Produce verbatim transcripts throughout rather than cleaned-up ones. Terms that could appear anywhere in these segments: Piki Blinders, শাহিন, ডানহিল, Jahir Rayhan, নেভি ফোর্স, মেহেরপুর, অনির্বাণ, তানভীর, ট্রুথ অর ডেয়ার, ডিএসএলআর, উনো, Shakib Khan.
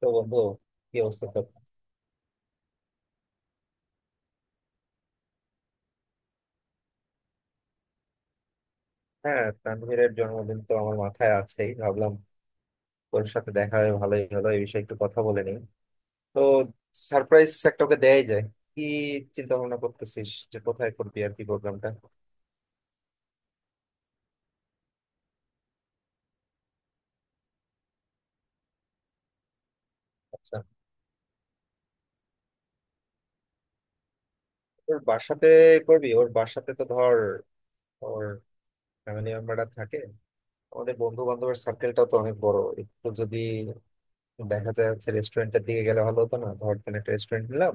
তো বন্ধু, কি অবস্থা তো? হ্যাঁ, তানভীরের জন্মদিন তো আমার মাথায় আছেই। ভাবলাম ওর সাথে দেখা হয়ে ভালোই হলো, এই বিষয়ে একটু কথা বলে নিই। তো সারপ্রাইজ একটা ওকে দেয়াই যায়। কি চিন্তা ভাবনা করতেছিস যে কোথায় করবি আর কি প্রোগ্রামটা? আচ্ছা, ওর বাসাতে করবি? ওর বাসাতে তো ধর ওর ফ্যামিলি মেম্বাররা থাকে, আমাদের বন্ধু বান্ধবের সার্কেলটাও তো অনেক বড়। একটু যদি দেখা যায় হচ্ছে রেস্টুরেন্টের দিকে গেলে ভালো হতো না? ধর কোনো একটা রেস্টুরেন্ট নিলাম,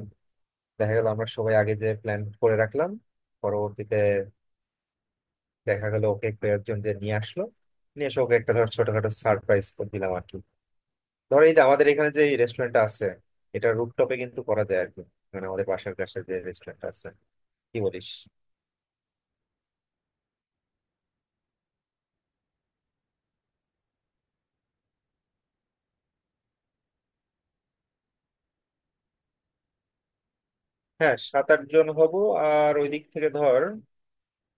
দেখা গেল আমরা সবাই আগে যে প্ল্যান করে রাখলাম, পরবর্তীতে দেখা গেল ওকে একটু একজন যে নিয়ে আসলো, নিয়ে এসে ওকে একটা ধর ছোটখাটো সারপ্রাইজ করে দিলাম আর কি। ধর এই যে আমাদের এখানে যে রেস্টুরেন্টটা আছে, এটা রুফটপে কিন্তু করা যায় আর কি। মানে আমাদের পাশের কাছে যে রেস্টুরেন্ট আছে, কি বলিস? হ্যাঁ, সাত আট জন হব। আর ওই দিক থেকে ধর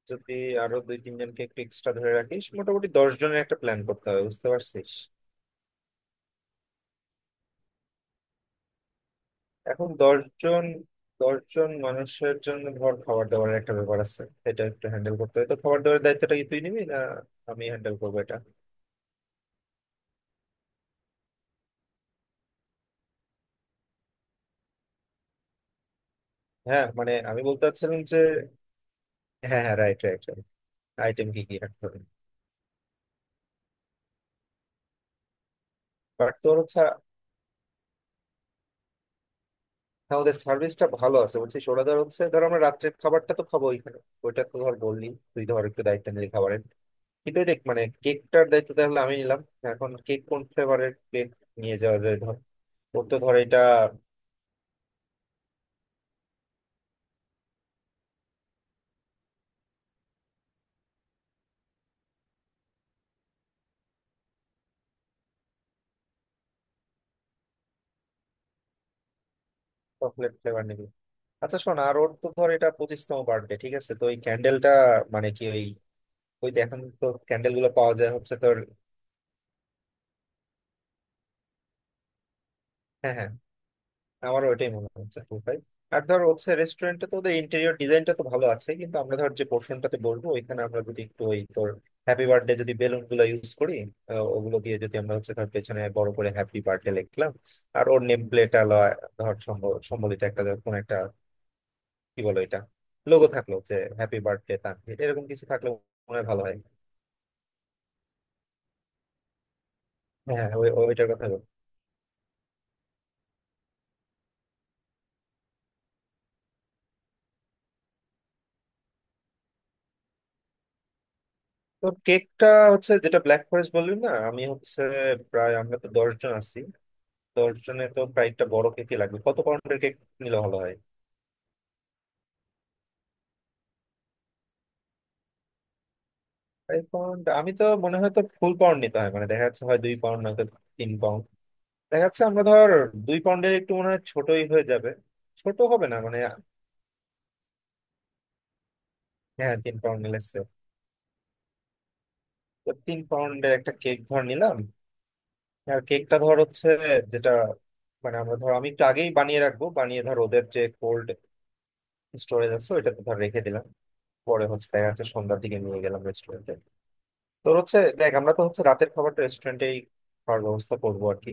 যদি আরো দুই তিনজনকে একটু এক্সট্রা ধরে রাখিস, মোটামুটি দশ জনের একটা প্ল্যান করতে হবে, বুঝতে পারছিস? এখন দশ জন, দশ জন মানুষের জন্য ধর খাবার দাবারের একটা ব্যাপার আছে, এটা একটু হ্যান্ডেল করতে হবে। তো খাবার দাবারের দায়িত্বটা কি তুই নিবি না আমি হ্যান্ডেল করবো এটা? হ্যাঁ, মানে আমি বলতে চাচ্ছিলাম যে হ্যাঁ হ্যাঁ, রাইট রাইট, আইটেম কি কি রাখতে হবে। বাট তোর হচ্ছে, হ্যাঁ ওদের সার্ভিসটা ভালো আছে বলছি, ওরা ধর হচ্ছে ধর আমরা রাত্রের খাবারটা তো খাবো ওইখানে। ওইটা তো ধর বললি, তুই ধর একটু দায়িত্ব নিলি খাবারের, কিন্তু দেখ মানে কেকটার দায়িত্ব তাহলে আমি নিলাম। এখন কেক কোন ফ্লেভারের কেক নিয়ে যাওয়া যায় ধর, ওর তো ধর এটা। চকলেট ফ্লেভার নিবি। আচ্ছা শোন, আর ওর তো ধর এটা পঁচিশতম বার্থডে, ঠিক আছে? তো ওই ক্যান্ডেলটা, মানে কি ওই, ওই এখন তো ক্যান্ডেল গুলো পাওয়া যায় হচ্ছে তোর। হ্যাঁ হ্যাঁ, আমারও ওটাই মনে হচ্ছে, টু ফাইভ। আর ধর হচ্ছে রেস্টুরেন্টে তো ওদের ইন্টেরিয়র ডিজাইনটা তো ভালো আছে, কিন্তু আমরা ধর যে পোর্শনটাতে বলবো ওইখানে আমরা যদি একটু ওই তোর হ্যাপি বার্থডে যদি বেলুন গুলো ইউজ করি, আহ, ওগুলো দিয়ে যদি আমরা হচ্ছে ধর পেছনে বড় করে হ্যাপি বার্থডে লিখলাম, আর ওর নেম প্লেট ধর সম্ব- সম্বলিত একটা ধর কোনো একটা, কি বলো এটা, লোগো থাকলো যে হ্যাপি বার্থডে তানভীর এরকম কিছু থাকলে মনে হয় ভালো হয়। হ্যাঁ ওই ওই- ওইটার কথা বল। তো কেকটা হচ্ছে যেটা ব্ল্যাক ফরেস্ট বললি না, আমি হচ্ছে প্রায় আমরা তো দশ জন আছি, তোর জন্য তো প্রায় একটা বড় কেকই লাগবে। কত পাউন্ডের কেক নিলে ভালো হয়? Five pound? আমি তো মনে হয় তো ফুল পাউন্ড নিতে হয়, মানে দেখা যাচ্ছে হয় দুই পাউন্ড নয়তো তিন পাউন্ড। দেখা যাচ্ছে আমরা ধর দুই পাউন্ডের একটু মনে হয় ছোটই হয়ে যাবে, ছোট হবে না মানে। হ্যাঁ তিন পাউন্ড নিলে safe। তো তিন পাউন্ডের একটা কেক ধর নিলাম। আর কেকটা ধর হচ্ছে যেটা মানে আমরা ধর আমি একটু আগেই বানিয়ে রাখবো, বানিয়ে ধর ওদের যে কোল্ড স্টোরেজ আছে ওইটাতে ধর রেখে দিলাম, পরে হচ্ছে দেখা যাচ্ছে সন্ধ্যার দিকে নিয়ে গেলাম রেস্টুরেন্টে। তোর হচ্ছে দেখ আমরা তো হচ্ছে রাতের খাবারটা রেস্টুরেন্টেই খাওয়ার ব্যবস্থা করবো আর কি,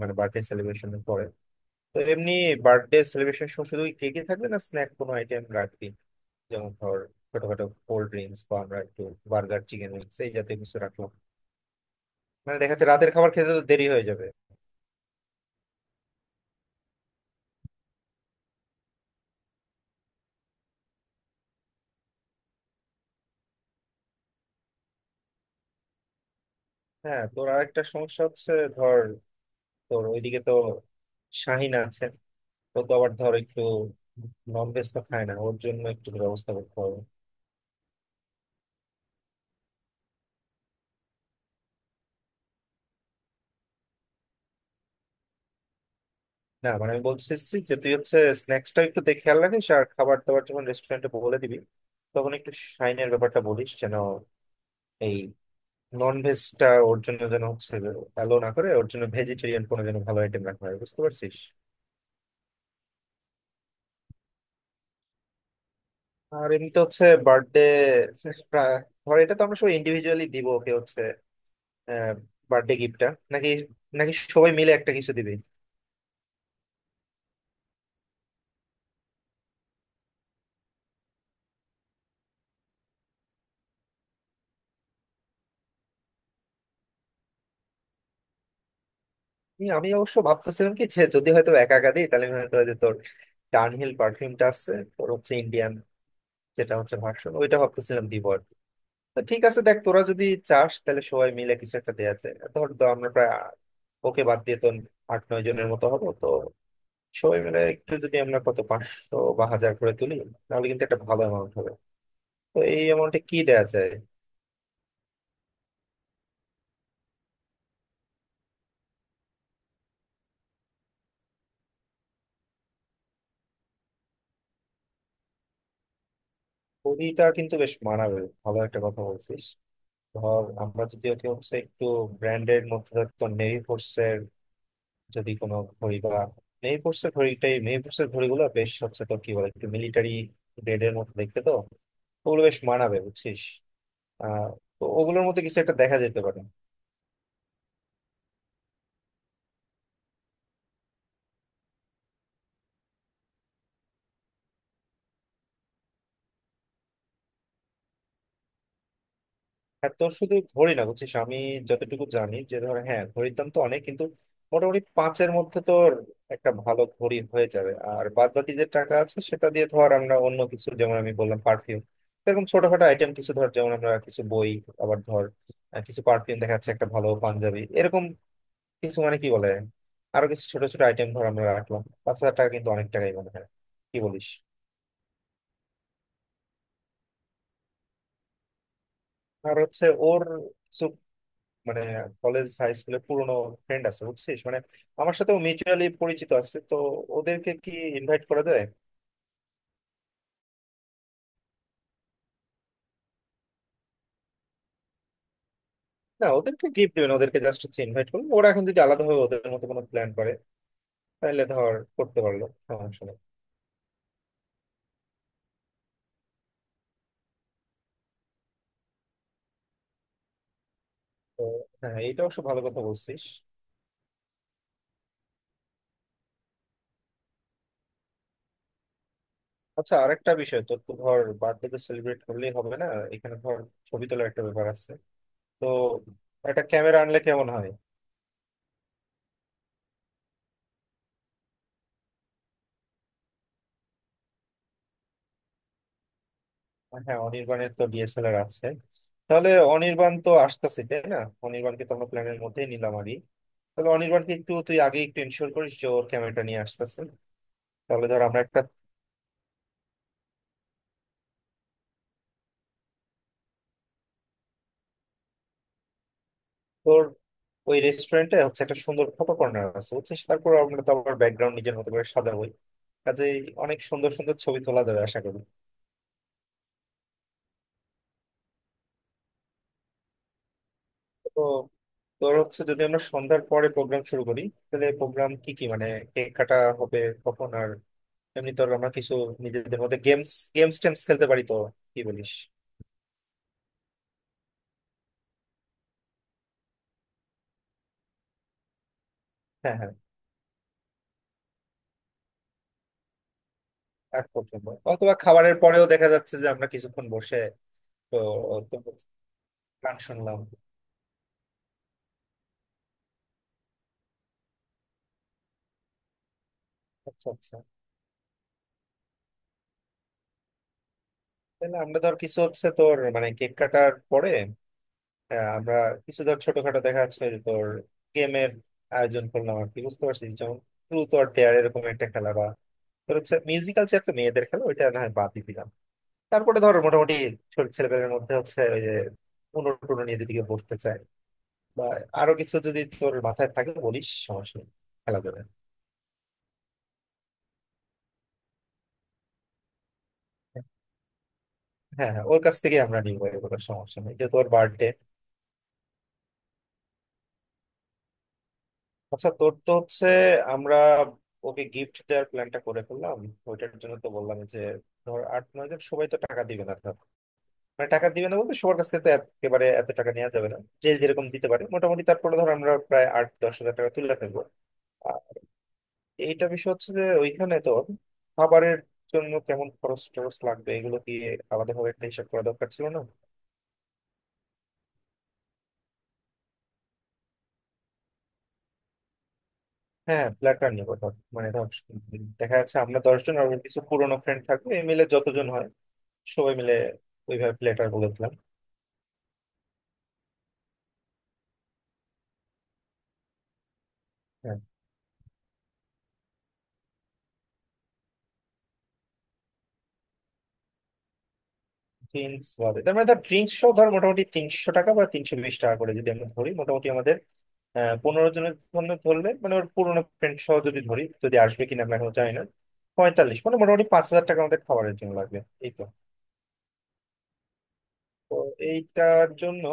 মানে বার্থডে সেলিব্রেশনের পরে। তো এমনি বার্থডে সেলিব্রেশন সময় শুধু কেকে থাকবে না, স্ন্যাক কোনো আইটেম রাখবি, যেমন ধর ছোটখাটো কোল্ড ড্রিঙ্কস বা আমরা একটু বার্গার চিকেন উইংস এই জাতীয় কিছু রাখলাম, মানে দেখা যাচ্ছে রাতের খাবার খেতে তো দেরি হয়ে যাবে। হ্যাঁ তোর আরেকটা সমস্যা হচ্ছে, ধর তোর ওইদিকে তো শাহিন আছে, ও তো আবার ধর একটু নন ভেজ তো খায় না, ওর জন্য একটু ব্যবস্থা করতে হবে। না, মানে আমি বলতেছি যে তুই হচ্ছে স্ন্যাক্সটা একটু দেখে খেয়াল রাখিস, আর খাবার দাবার যখন রেস্টুরেন্টে বলে দিবি তখন একটু শাইনের ব্যাপারটা বলিস, যেন এই নন ভেজটা ওর জন্য যেন হচ্ছে অ্যালো না করে, ওর জন্য ভেজিটেরিয়ান কোনো যেন ভালো আইটেম রাখা হয়, বুঝতে পারছিস? আর এমনিতে হচ্ছে বার্থডে, ধর এটা তো আমরা সবাই ইন্ডিভিজুয়ালি দিব ওকে হচ্ছে বার্থডে গিফটটা, নাকি? নাকি সবাই মিলে একটা কিছু দিবি? আমি আমি অবশ্য ভাবতেছিলাম কি যে যদি হয়তো একা একা দিই তাহলে হয়তো ওই যে তোর ডানহিল পারফিউমটা আছে তোর হচ্ছে ইন্ডিয়ান যেটা হচ্ছে ভার্সন, ওইটা ভাবতেছিলাম দিব আর কি। তো ঠিক আছে দেখ, তোরা যদি চাস তাহলে সবাই মিলে কিছু একটা দেয়া যায়। ধর তো আমরা প্রায় ওকে বাদ দিয়ে তো আট নয় জনের মতো হবো তো, সবাই মিলে একটু যদি আমরা কত পাঁচশো বা হাজার করে তুলি তাহলে কিন্তু একটা ভালো অ্যামাউন্ট হবে। তো এই অ্যামাউন্টে কি দেয়া যায়? কুড়িটা কিন্তু বেশ মানাবে, ভালো একটা কথা বলছিস। ধর আমরা যদি ওকে হচ্ছে একটু ব্র্যান্ডের মধ্যে ধর তোর নেভি ফোর্স এর যদি কোনো ঘড়ি বা মেহেরপুরের ঘড়িটাই, মেহেরপুরের ঘড়িগুলো বেশ হচ্ছে, তো কি বলে একটু মিলিটারি গ্রেডের মতো দেখতে তো ওগুলো বেশ মানাবে, বুঝছিস? আহ, তো ওগুলোর মধ্যে কিছু একটা দেখা যেতে পারে। আর তোর শুধু ঘড়ি না বুঝছিস, আমি যতটুকু জানি যে ধর, হ্যাঁ ঘড়ির দাম তো অনেক কিন্তু মোটামুটি পাঁচের মধ্যে তোর একটা ভালো ঘড়ি হয়ে যাবে, আর বাদ বাকি যে টাকা আছে সেটা দিয়ে ধর আমরা অন্য কিছু, যেমন আমি বললাম পারফিউম এরকম ছোটখাটো আইটেম কিছু, ধর যেমন আমরা কিছু বই, আবার ধর, আহ, কিছু পারফিউম, দেখা যাচ্ছে একটা ভালো পাঞ্জাবি এরকম কিছু, মানে কি বলে আরো কিছু ছোট ছোট আইটেম ধর আমরা রাখলাম। পাঁচ হাজার টাকা কিন্তু অনেক টাকাই মনে হয়, কি বলিস? আর হচ্ছে ওর কিছু মানে কলেজ হাই স্কুলের পুরোনো ফ্রেন্ড আছে বুঝছিস, মানে আমার সাথে মিউচুয়ালি পরিচিত আছে তো, ওদেরকে কি ইনভাইট করা যায়? না, ওদেরকে গিফট দেবেন ওদেরকে জাস্ট হচ্ছে ইনভাইট করবেন। ওরা এখন যদি আলাদাভাবে ওদের মতো কোনো প্ল্যান করে তাহলে ধর করতে পারলো, সমস্যা নেই তো। হ্যাঁ এটা অবশ্য ভালো কথা বলছিস। আচ্ছা আরেকটা বিষয়, তোর তো ধর বার্থডে তো সেলিব্রেট করলেই হবে না, এখানে ধর ছবি তোলার একটা ব্যাপার আছে তো। একটা ক্যামেরা আনলে কেমন হয়? হ্যাঁ অনির্বাণের তো ডি এস এল আর আছে, তাহলে অনির্বাণ তো আসতেছে তাই না? অনির্বাণকে তো আমরা প্ল্যানের মধ্যেই নিলাম আরই, তাহলে অনির্বাণকে একটু তুই আগে একটু ইনশিওর করিস যে ওর ক্যামেরাটা নিয়ে আসতেছে। তাহলে ধর আমরা একটা, তোর ওই রেস্টুরেন্টে হচ্ছে একটা সুন্দর ফটো কর্নার আছে বুঝছিস, তারপর আমরা তো আবার ব্যাকগ্রাউন্ড নিজের মতো করে সাজাবোই, কাজে অনেক সুন্দর সুন্দর ছবি তোলা যাবে আশা করি। তো তোর হচ্ছে যদি আমরা সন্ধ্যার পরে প্রোগ্রাম শুরু করি, তাহলে প্রোগ্রাম কি কি মানে, কেক কাটা হবে কখন, আর এমনি তো আমরা কিছু নিজেদের মধ্যে গেমস, গেমস টেমস খেলতে পারি তো, কি বলিস? হ্যাঁ হ্যাঁ, আগ পর্যন্ত অথবা খাবারের পরেও দেখা যাচ্ছে যে আমরা কিছুক্ষণ বসে, তো তো গান শুনলাম। আচ্ছা আচ্ছা, তাহলে আমরা ধর কিছু হচ্ছে তোর মানে কেক কাটার পরে, আহ, আমরা কিছু ধর ছোটখাটো, দেখা যাচ্ছে যে তোর গেমের আয়োজন করলাম আর কি, বুঝতে পারছিস যেমন ট্রুথ অর ডেয়ার এরকম একটা খেলা, বা তোর হচ্ছে মিউজিক্যাল যে একটা মেয়েদের খেলা ওইটা না হয় বাদ দিয়ে দিলাম। তারপরে ধর মোটামুটি ছোট ছেলেপেলের মধ্যে হচ্ছে ওই যে উনো টুনো নিয়ে যদি কেউ বসতে চায়, বা আরো কিছু যদি তোর মাথায় থাকে বলিস, সমস্যা নেই, খেলা যাবে। হ্যাঁ হ্যাঁ ওর কাছ থেকে আমরা নিবো এগুলো, সমস্যা নেই যে তোর বার্থডে। আচ্ছা তোর তো হচ্ছে আমরা ওকে গিফট দেওয়ার প্ল্যানটা করে ফেললাম, ওইটার জন্য তো বললাম যে ধর আট নয় জন সবাই তো টাকা দিবে না ধর, মানে টাকা দিবে না বলতে সবার কাছ থেকে তো একেবারে এত টাকা নেওয়া যাবে না, যে যেরকম দিতে পারে মোটামুটি, তারপরে ধর আমরা প্রায় আট দশ হাজার টাকা তুলে ফেলবো। আর এইটা বিষয় হচ্ছে যে ওইখানে তোর খাবারের জন্য কেমন খরচ টরচ লাগবে এগুলো কি আলাদাভাবে একটা হিসাব করা দরকার ছিল না? হ্যাঁ ফ্ল্যাটার নিবো ধর, মানে ধর দেখা যাচ্ছে আমরা দশজন আর ওর কিছু পুরোনো ফ্রেন্ড থাকবে, এই মিলে যতজন হয় সবাই মিলে ওইভাবে ফ্ল্যাটার বলে দিলাম। হ্যাঁ, ড্রিঙ্কস বাদে তার মানে ধর ড্রিঙ্কস ধর মোটামুটি তিনশো টাকা বা তিনশো বিশ টাকা করে যদি আমরা ধরি, মোটামুটি আমাদের আহ পনেরো জনের জন্য ধরলে, মানে ওর পুরোনো ফ্রেন্ড সহ যদি ধরি, যদি আসবে কিনা আমি এখনো জানি না, পঁয়তাল্লিশ মানে মোটামুটি পাঁচ হাজার টাকা আমাদের খাবারের জন্য লাগবে এই তো। তো এইটার জন্য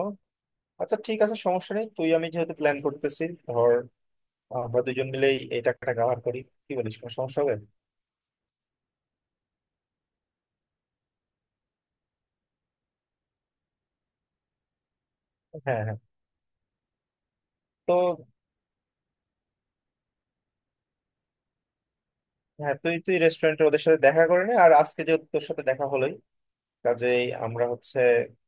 আচ্ছা ঠিক আছে, সমস্যা নেই, তুই আমি যেহেতু প্ল্যান করতেছি ধর আমরা দুজন মিলেই এই টাকাটা কাভার করি, কি বলিস? কোনো সমস্যা হবে? হ্যাঁ হ্যাঁ। তো হ্যাঁ তুই তুই রেস্টুরেন্টে ওদের সাথে দেখা করে নে, আর আজকে যেহেতু তোর সাথে দেখা হলোই কাজেই আমরা হচ্ছে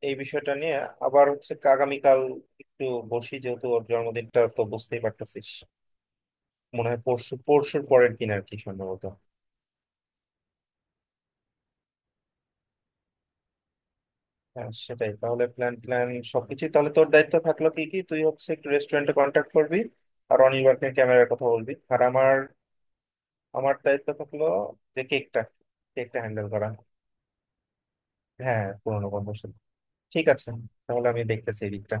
এই বিষয়টা নিয়ে আবার হচ্ছে আগামীকাল একটু বসি, যেহেতু ওর জন্মদিনটা তো বুঝতেই পারতেছিস মনে হয় পরশু পরশুর পরের দিন আর কি সম্ভবত। হ্যাঁ সেটাই, তাহলে প্ল্যান প্ল্যান সবকিছু তাহলে তোর দায়িত্ব থাকলো, কি কি তুই হচ্ছে একটু রেস্টুরেন্টে কন্ট্যাক্ট করবি, আর অনির্বাণকে ক্যামেরার কথা বলবি, আর আমার, আমার দায়িত্ব থাকলো যে কেকটা, কেকটা হ্যান্ডেল করা। হ্যাঁ পুরোনো বন্ধুর সাথে। ঠিক আছে, তাহলে আমি দেখতেছি এই দিকটা।